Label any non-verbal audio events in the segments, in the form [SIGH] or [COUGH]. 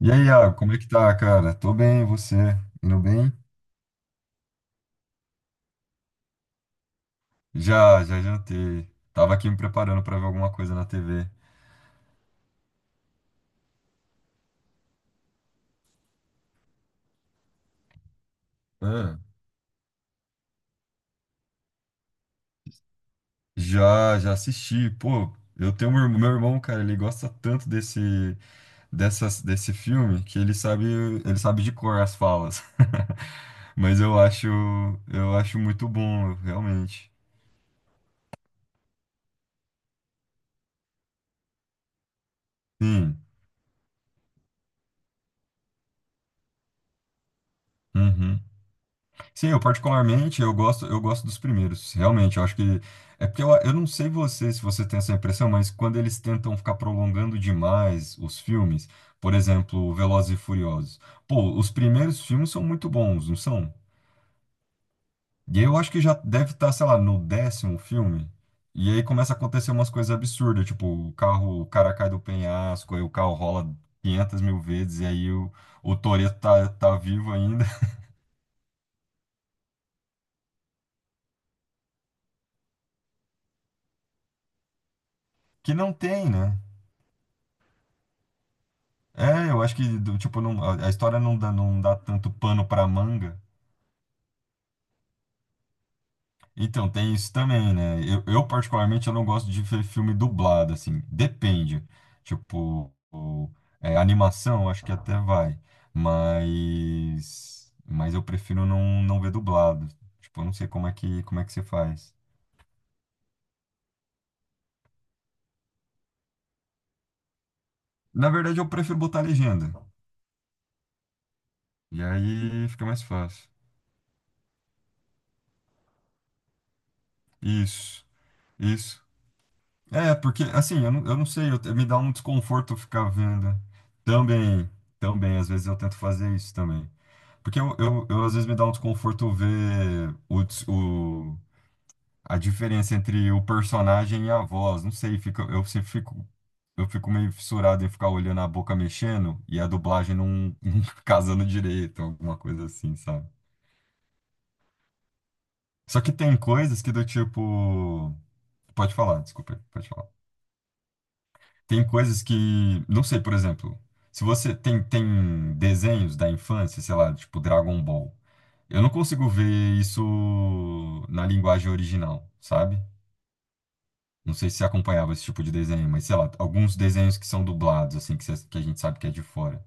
E aí, Iago, como é que tá, cara? Tô bem, e você? Indo bem? Já jantei. Tava aqui me preparando pra ver alguma coisa na TV. Ah, já assisti. Pô, eu tenho um irmão, meu irmão, cara, ele gosta tanto desse filme que ele sabe de cor as falas. [LAUGHS] Mas eu acho muito bom, realmente. Sim. Uhum. Sim, eu particularmente, eu gosto dos primeiros, realmente, eu acho que, é porque eu não sei você, se você tem essa impressão, mas quando eles tentam ficar prolongando demais os filmes, por exemplo, Velozes e Furiosos, pô, os primeiros filmes são muito bons, não são? E aí eu acho que já deve estar, sei lá, no décimo filme, e aí começa a acontecer umas coisas absurdas, tipo, o carro, o cara cai do penhasco, aí o carro rola 500 mil vezes, e aí o Toretto tá vivo ainda, [LAUGHS] que não tem, né? É, eu acho que, do- tipo, não, a história não dá, tanto pano pra manga. Então, tem isso também, né? Particularmente, eu não gosto de ver filme dublado, assim. Depende. Tipo, o- É, animação, acho que até vai. Mas eu prefiro não ver dublado. Tipo, eu não sei como é que você faz. Na verdade, eu prefiro botar legenda. E aí fica mais fácil. Isso, isso. É, porque assim, eu não sei, eu, me dá um desconforto ficar vendo. Também, também, às vezes eu tento fazer isso também. Porque eu, às vezes me dá um desconforto ver o, a diferença entre o personagem e a voz. Não sei, fica, eu fico meio fissurado em ficar olhando a boca mexendo e a dublagem não, [LAUGHS] não casando direito, alguma coisa assim, sabe? Só que tem coisas que do tipo. Pode falar, desculpa, aí, pode falar. Tem coisas que, não sei, por exemplo, se você tem desenhos da infância, sei lá, tipo Dragon Ball, eu não consigo ver isso na linguagem original, sabe? Não sei se você acompanhava esse tipo de desenho, mas sei lá, alguns desenhos que são dublados, assim, que a gente sabe que é de fora.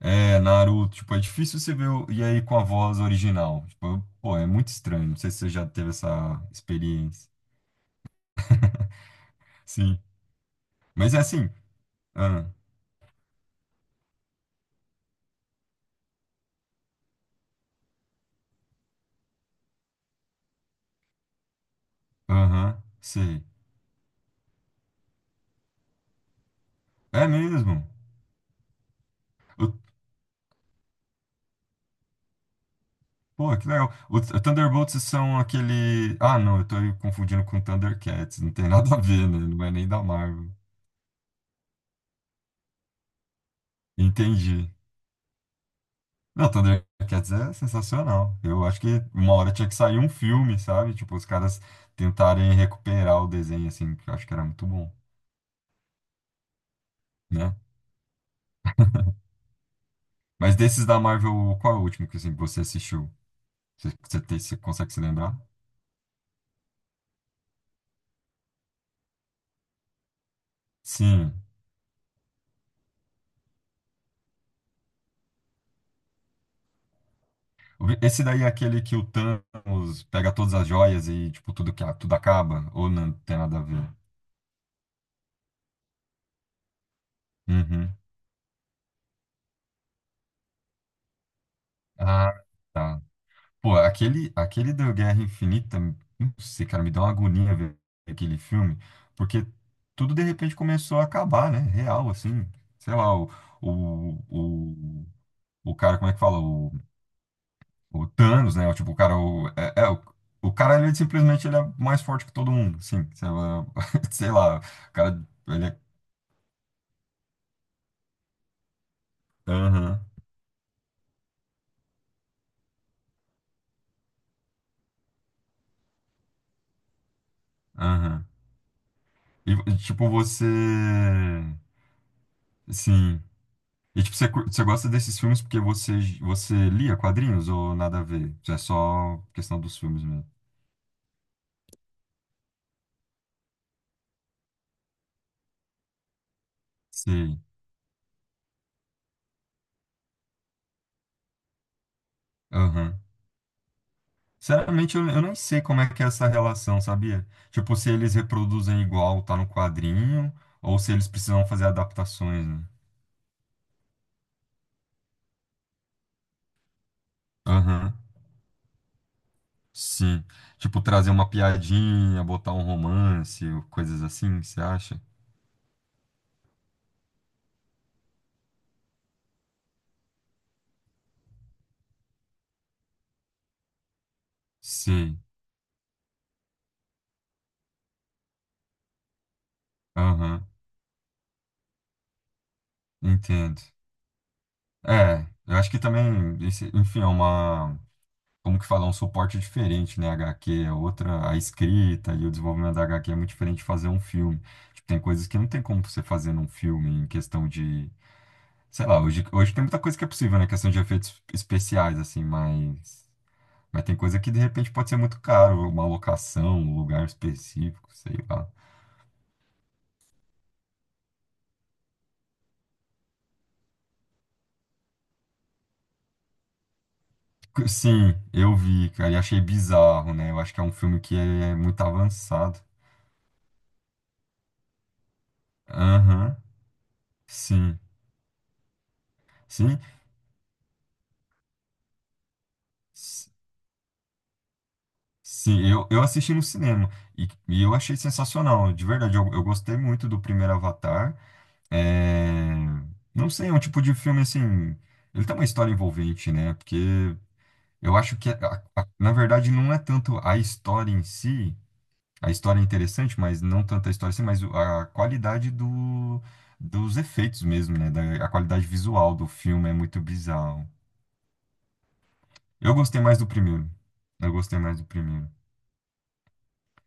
É, Naruto, tipo, é difícil você e aí com a voz original. Tipo, pô, é muito estranho. Não sei se você já teve essa experiência. Sim. Mas é assim. Ah, aham, sei. É mesmo. Eu... Pô, que legal. Thunderbolts são aquele. Ah, não, eu tô confundindo com Thundercats. Não tem nada a ver, né? Não é nem da Marvel. Entendi. Não, Thundercats é sensacional. Eu acho que uma hora tinha que sair um filme, sabe? Tipo, os caras tentarem recuperar o desenho, assim, que eu acho que era muito bom, né? Mas desses da Marvel, qual é o último que assim, você assistiu? Você consegue se lembrar? Sim. Esse daí é aquele que o Thanos pega todas as joias e, tipo, tudo, tudo acaba? Ou não tem nada a ver? Uhum. Ah, tá. Pô, aquele do Guerra Infinita, não sei, cara, me deu uma agonia ver aquele filme, porque tudo de repente começou a acabar, né? Real, assim. Sei lá, o, o, o cara, como é que fala? O Thanos, né? O, tipo, o cara, ele simplesmente ele é mais forte que todo mundo, sim. Sei lá, [LAUGHS] sei lá, o cara, ele é. Aham, aham. E, tipo, você. Sim. E tipo, você, você gosta desses filmes porque você, você lia quadrinhos ou nada a ver? É só questão dos filmes mesmo. Sei. Aham. Sinceramente, eu nem sei como é que é essa relação, sabia? Tipo, se eles reproduzem igual tá no quadrinho, ou se eles precisam fazer adaptações, né? Aham. Sim. Tipo, trazer uma piadinha, botar um romance, ou coisas assim, você acha? Sei. Aham. Entendo. É, eu acho que também, esse... enfim, é uma... como que falar, um suporte diferente, né? HQ é outra, a escrita e o desenvolvimento da HQ é muito diferente de fazer um filme. Tipo, tem coisas que não tem como você fazer num filme em questão de, sei lá, hoje tem muita coisa que é possível, né? Questão de efeitos especiais, assim, mas tem coisa que de repente pode ser muito caro, uma locação, um lugar específico, sei lá. Sim, eu vi, cara, e achei bizarro, né? Eu acho que é um filme que é muito avançado. Aham, sim, sim. Sim, eu assisti no cinema e, eu achei sensacional, de verdade. Eu gostei muito do primeiro Avatar. É... Não sei, é um tipo de filme assim. Ele tem uma história envolvente, né? Porque eu acho que, na verdade, não é tanto a história em si, a história é interessante, mas não tanto a história em si, mas a qualidade dos efeitos mesmo, né? Da, a qualidade visual do filme é muito bizarro. Eu gostei mais do primeiro. Eu gostei mais do primeiro.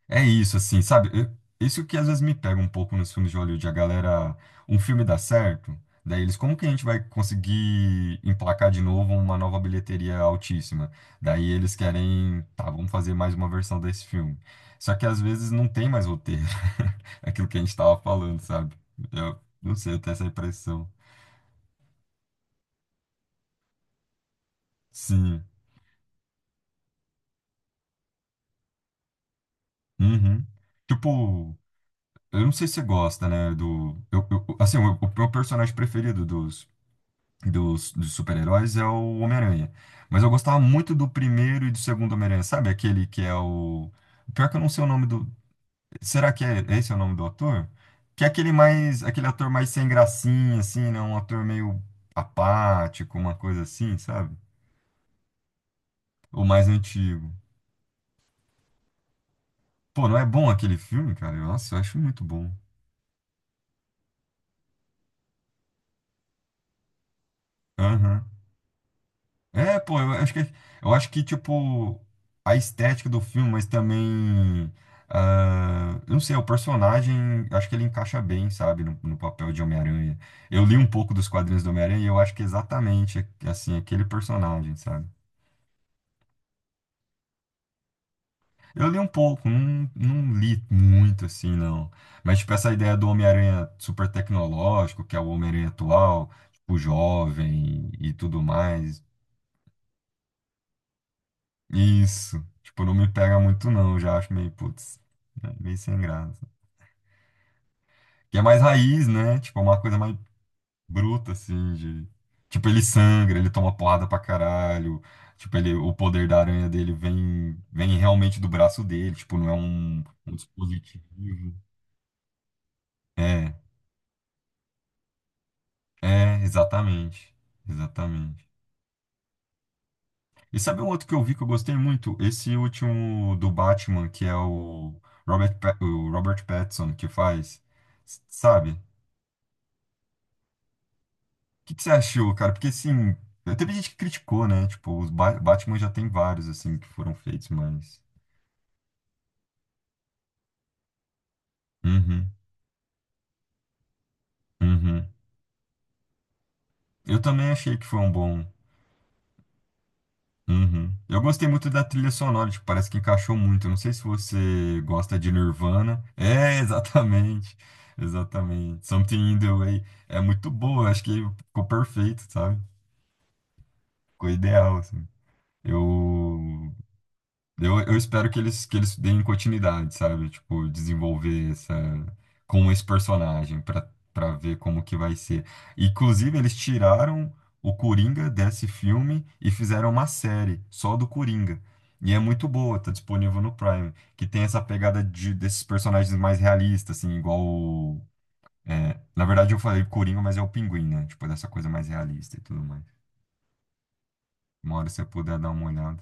É isso, assim, sabe? Eu... isso que às vezes me pega um pouco nos filmes de Hollywood, a galera, um filme dá certo, daí eles, como que a gente vai conseguir emplacar de novo uma nova bilheteria altíssima? Daí eles querem, tá, vamos fazer mais uma versão desse filme. Só que às vezes não tem mais roteiro, [LAUGHS] aquilo que a gente tava falando, sabe? Eu não sei, eu tenho essa impressão. Sim. Uhum. Tipo, eu não sei se você gosta, né, do... assim, o meu personagem preferido dos super-heróis é o Homem-Aranha. Mas eu gostava muito do primeiro e do segundo Homem-Aranha, sabe? Aquele que é o... Pior que eu não sei o nome do... Será que é esse é o nome do ator? Que é aquele mais... Aquele ator mais sem gracinha, assim, né? Um ator meio apático, uma coisa assim, sabe? O mais antigo. Pô, não é bom aquele filme, cara? Eu... Nossa, eu acho muito bom. Aham. É, pô, eu acho que, tipo, a estética do filme, mas também, ah, eu não sei, o personagem, eu acho que ele encaixa bem, sabe, no papel de Homem-Aranha. Eu li um pouco dos quadrinhos do Homem-Aranha e eu acho que é exatamente, assim, aquele personagem, sabe? Eu li um pouco, não li muito, assim, não. Mas, tipo, essa ideia do Homem-Aranha super tecnológico, que é o Homem-Aranha atual, tipo, jovem e tudo mais, isso. Tipo, não me pega muito, não. Eu já acho meio, putz, né, meio sem graça. Que é mais raiz, né? Tipo, é uma coisa mais bruta, assim, de... Tipo, ele sangra, ele toma porrada pra caralho. Tipo, ele, o poder da aranha dele vem, vem realmente do braço dele. Tipo, não é um dispositivo. É, exatamente. Exatamente. E sabe um outro que eu vi que eu gostei muito? Esse último do Batman, que é o o Robert Pattinson que faz, s- sabe? Que você achou, cara? Porque assim, teve gente que criticou, né? Tipo, Batman já tem vários assim que foram feitos, mas... Uhum, uhum. Eu também achei que foi um bom... Uhum. Eu gostei muito da trilha sonora, tipo, parece que encaixou muito. Eu não sei se você gosta de Nirvana. [LAUGHS] É, exatamente. Exatamente. Something in the Way. É muito boa, eu acho que ficou perfeito, sabe? Ficou ideal, assim. Eu... eu espero que eles, deem continuidade, sabe? Tipo, desenvolver essa, com esse personagem pra para ver como que vai ser. Inclusive, eles tiraram o Coringa desse filme e fizeram uma série só do Coringa. E é muito boa, tá disponível no Prime, que tem essa pegada de, desses personagens mais realistas, assim, igual o, é, na verdade, eu falei Coringa, mas é o Pinguim, né? Tipo, dessa coisa mais realista e tudo mais. Uma hora se você puder dar uma olhada.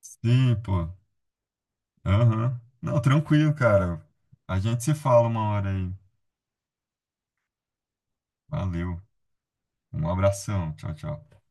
Sim, pô. Aham. Não, tranquilo, cara. A gente se fala uma hora aí. Valeu. Um abração. Tchau, tchau.